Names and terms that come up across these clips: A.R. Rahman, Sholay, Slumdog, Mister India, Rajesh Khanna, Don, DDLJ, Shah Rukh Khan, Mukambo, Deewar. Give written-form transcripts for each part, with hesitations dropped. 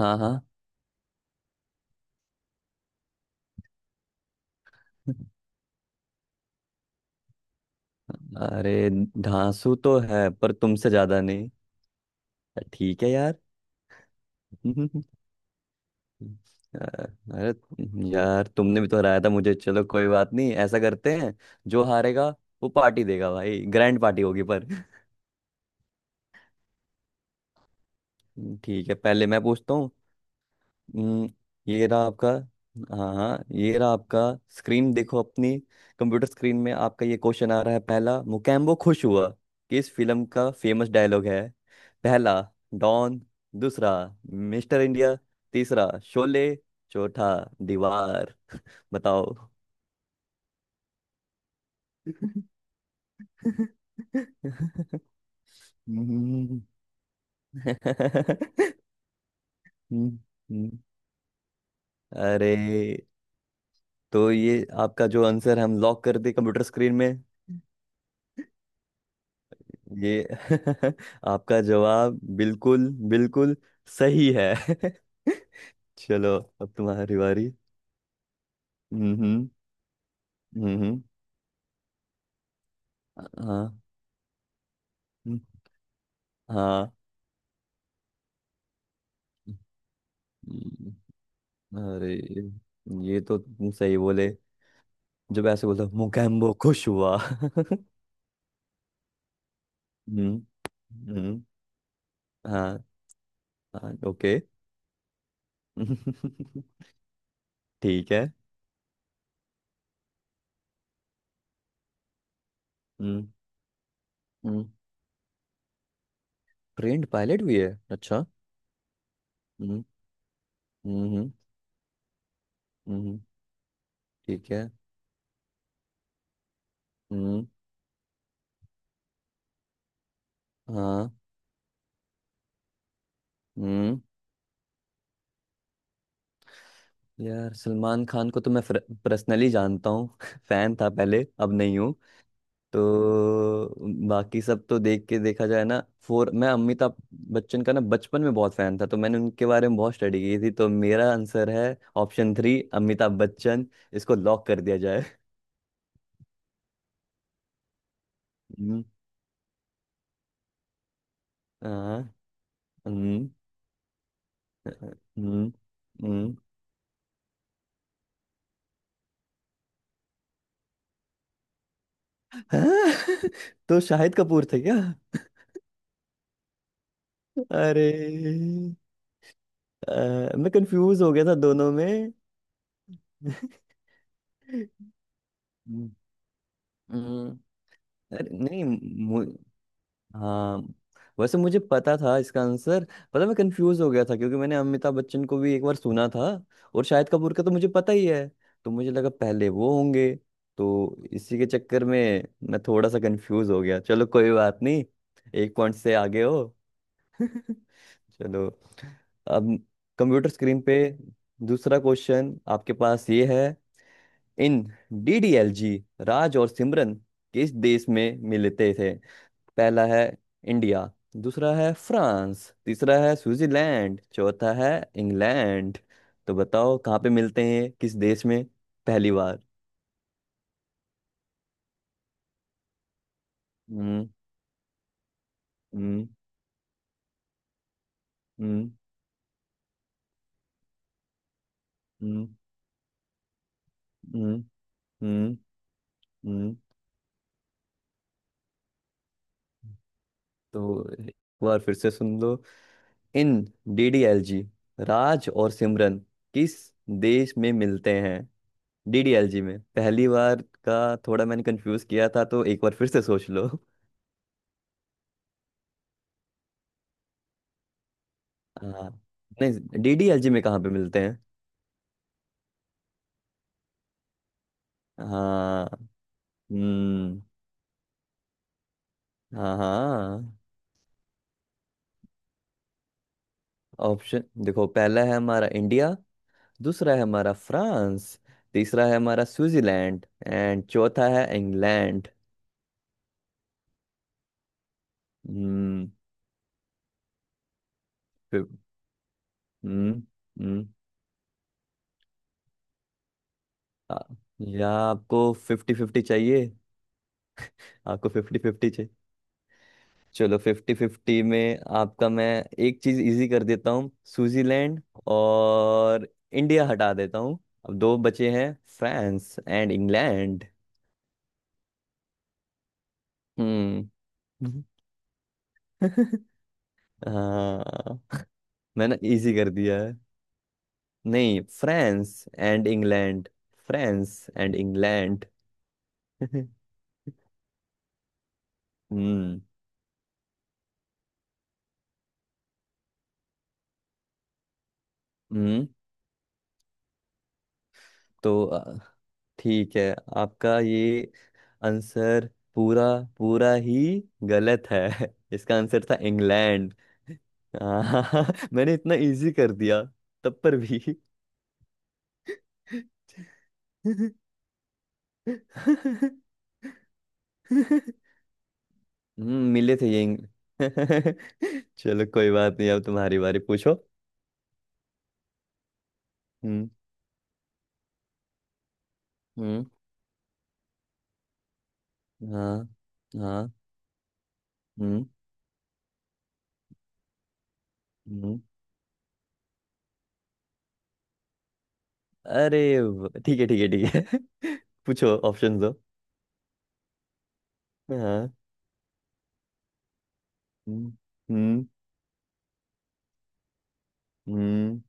हाँ हाँ। अरे धांसू तो है, पर तुमसे ज्यादा नहीं। ठीक है यार। अ- अरे यार तुमने भी तो हराया था मुझे। चलो कोई बात नहीं, ऐसा करते हैं जो हारेगा वो पार्टी देगा भाई। ग्रैंड पार्टी होगी पर ठीक है, पहले मैं पूछता हूँ। हम्म, ये रहा आपका। हाँ हाँ, ये रहा आपका। स्क्रीन देखो अपनी। कंप्यूटर स्क्रीन में आपका ये क्वेश्चन आ रहा है। पहला, मुकेम्बो खुश हुआ किस फिल्म का फेमस डायलॉग है? पहला डॉन, दूसरा मिस्टर इंडिया, तीसरा शोले, चौथा दीवार। बताओ। हम्म। हम्म। हम्म। अरे तो ये आपका जो आंसर हम लॉक कर दे कंप्यूटर स्क्रीन में। ये आपका जवाब बिल्कुल बिल्कुल सही है। चलो। अब तुम्हारी बारी। हम्म। हम्म। हम्म। हम्म। हाँ। हम्म। हाँ। हम्म। अरे ये तो तुम सही बोले। जब ऐसे बोला मुकैम्बो खुश हुआ। हम्म। हम्म। हाँ। हाँ ओके। ठीक है। हम्म। हम्म। ट्रेंड पायलट भी है? अच्छा। हम्म। हम्म। हम्म। हम्म। ठीक है। हम्म। हाँ। हम्म। यार सलमान खान को तो मैं पर्सनली जानता हूँ। फैन था पहले, अब नहीं हूँ। तो बाकी सब तो देख के देखा जाए ना। फोर, मैं अमिताभ बच्चन का ना बचपन में बहुत फैन था, तो मैंने उनके बारे में बहुत स्टडी की थी। तो मेरा आंसर है ऑप्शन थ्री अमिताभ बच्चन। इसको लॉक कर दिया जाए। हम्म। हाँ। हम्म। हम्म। हम्म। हाँ। तो शाहिद कपूर थे क्या? अरे मैं कंफ्यूज हो गया था दोनों में। हम्म। अरे नहीं। मु, हाँ, वैसे मुझे पता था इसका आंसर। पता, मैं कंफ्यूज हो गया था क्योंकि मैंने अमिताभ बच्चन को भी एक बार सुना था। और शाहिद कपूर का तो मुझे पता ही है। तो मुझे लगा पहले वो होंगे। तो इसी के चक्कर में मैं थोड़ा सा कंफ्यूज हो गया। चलो कोई बात नहीं। एक पॉइंट से आगे हो। चलो। अब कंप्यूटर स्क्रीन पे दूसरा क्वेश्चन आपके पास ये है। इन डीडीएलजी राज और सिमरन किस देश में मिलते थे? पहला है इंडिया, दूसरा है फ्रांस, तीसरा है स्विट्जरलैंड, चौथा है इंग्लैंड। तो बताओ कहाँ पे मिलते हैं, किस देश में, पहली बार? हम्म। हम्म। हम्म। हम्म। हम्म। हम्म। हम्म। तो एक बार फिर से सुन लो। इन डीडीएलजी राज और सिमरन किस देश में मिलते हैं? डीडीएलजी में पहली बार का थोड़ा मैंने कंफ्यूज किया था, तो एक बार फिर से सोच लो। हाँ। नहीं डीडीएलजी में कहाँ पे मिलते हैं? हाँ। हम्म। हाँ हाँ। ऑप्शन देखो, पहला है हमारा इंडिया, दूसरा है हमारा फ्रांस, तीसरा है हमारा स्विट्जरलैंड एंड चौथा है इंग्लैंड। हम्म। फिर- हम्म। हम्म। आ- या आपको फिफ्टी फिफ्टी चाहिए? आपको फिफ्टी फिफ्टी। चलो, फिफ्टी फिफ्टी में आपका मैं एक चीज इजी कर देता हूँ। स्विट्जरलैंड और इंडिया हटा देता हूँ। अब दो बचे हैं, फ्रांस एंड इंग्लैंड। हम्म। हाँ। मैंने इजी कर दिया है। नहीं, France and England. France and England. हम्म। हम्म। तो ठीक है। आपका ये आंसर पूरा पूरा ही गलत है। इसका आंसर था इंग्लैंड। हाँ, मैंने इतना इजी कर दिया तब पर भी। मिले थे ये चलो कोई बात नहीं। अब तुम्हारी बारी, पूछो। हम्म। हम्म। हाँ हाँ। हम्म। हम्म। अरे ठीक है ठीक है ठीक है। पूछो, ऑप्शन दो। हाँ। हम्म। हम्म। हम्म।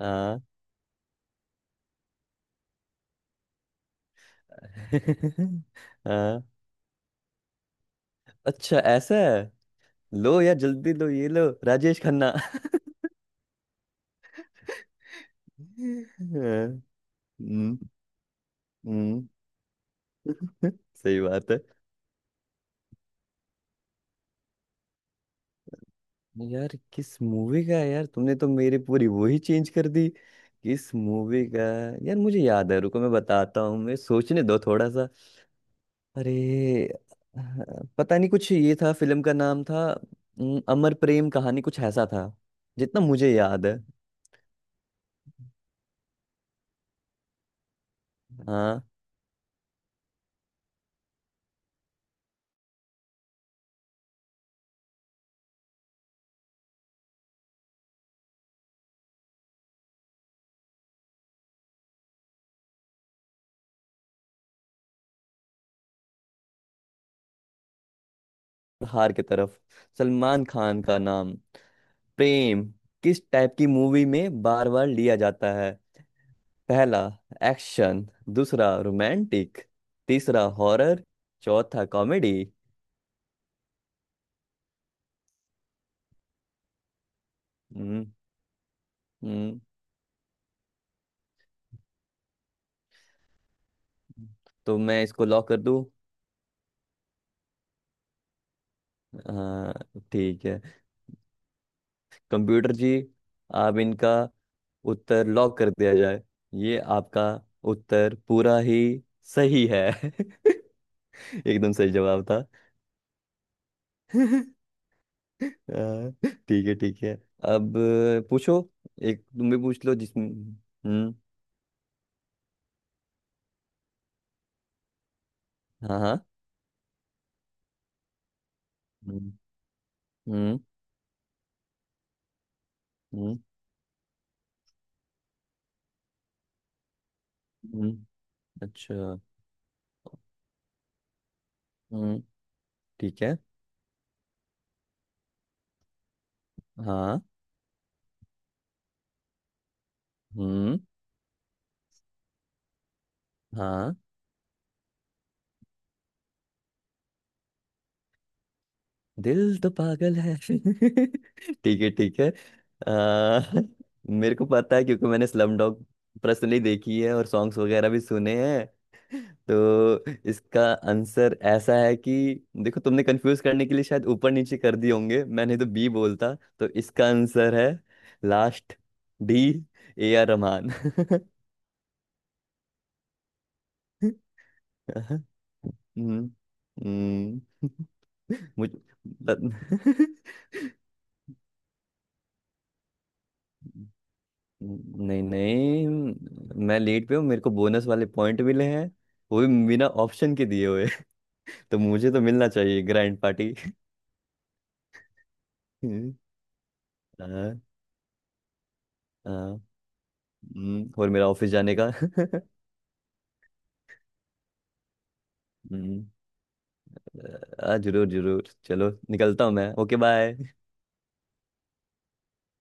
हाँ। हाँ। अच्छा, ऐसा है। लो यार, जल्दी लो, ये लो राजेश खन्ना। हाँ। हम्म। हम्म। सही बात है। यार किस मूवी का है? यार तुमने तो मेरी पूरी वो ही चेंज कर दी। किस मूवी का? यार मुझे याद है, रुको मैं बताता हूँ। मैं सोचने दो थोड़ा सा। अरे अ, पता नहीं, कुछ ये था फिल्म का नाम था, अमर प्रेम कहानी कुछ ऐसा था, जितना मुझे याद है। हाँ। हार की तरफ सलमान खान का नाम प्रेम किस टाइप की मूवी में बार बार लिया जाता है? पहला एक्शन, दूसरा रोमांटिक, तीसरा हॉरर, चौथा कॉमेडी। हम्म। हम्म, तो मैं इसको लॉक कर दूं? हाँ ठीक है। कंप्यूटर जी आप इनका उत्तर लॉक कर दिया जाए। ये आपका उत्तर पूरा ही सही है। एकदम सही जवाब था। हाँ, ठीक है ठीक है। अब पूछो। एक तुम भी पूछ लो जिसमें हाँ हाँ। हम्म। हम्म। हम्म। हम्म। अच्छा। हम्म। ठीक है। हाँ। हम्म। हाँ। दिल तो पागल है। ठीक है ठीक है। आ, मेरे को पता है, क्योंकि मैंने स्लम डॉग पर्सनली देखी है और सॉन्ग्स वगैरह भी सुने हैं। तो इसका आंसर ऐसा है कि देखो, तुमने कंफ्यूज करने के लिए शायद ऊपर नीचे कर दिए होंगे। मैंने तो बी बोलता। तो इसका आंसर है last, D, A R Rahman. अहं। हम्म। हम्म। मुझ बत- नहीं नहीं, मैं लीड पे हूँ। मेरे को बोनस वाले पॉइंट मिले हैं, वो भी बिना ऑप्शन के दिए हुए। तो मुझे तो मिलना चाहिए ग्रैंड पार्टी। हम्म। हाँ हाँ। और मेरा ऑफिस जाने का। हम्म, जरूर जरूर चलो निकलता हूँ मैं, ओके बाय।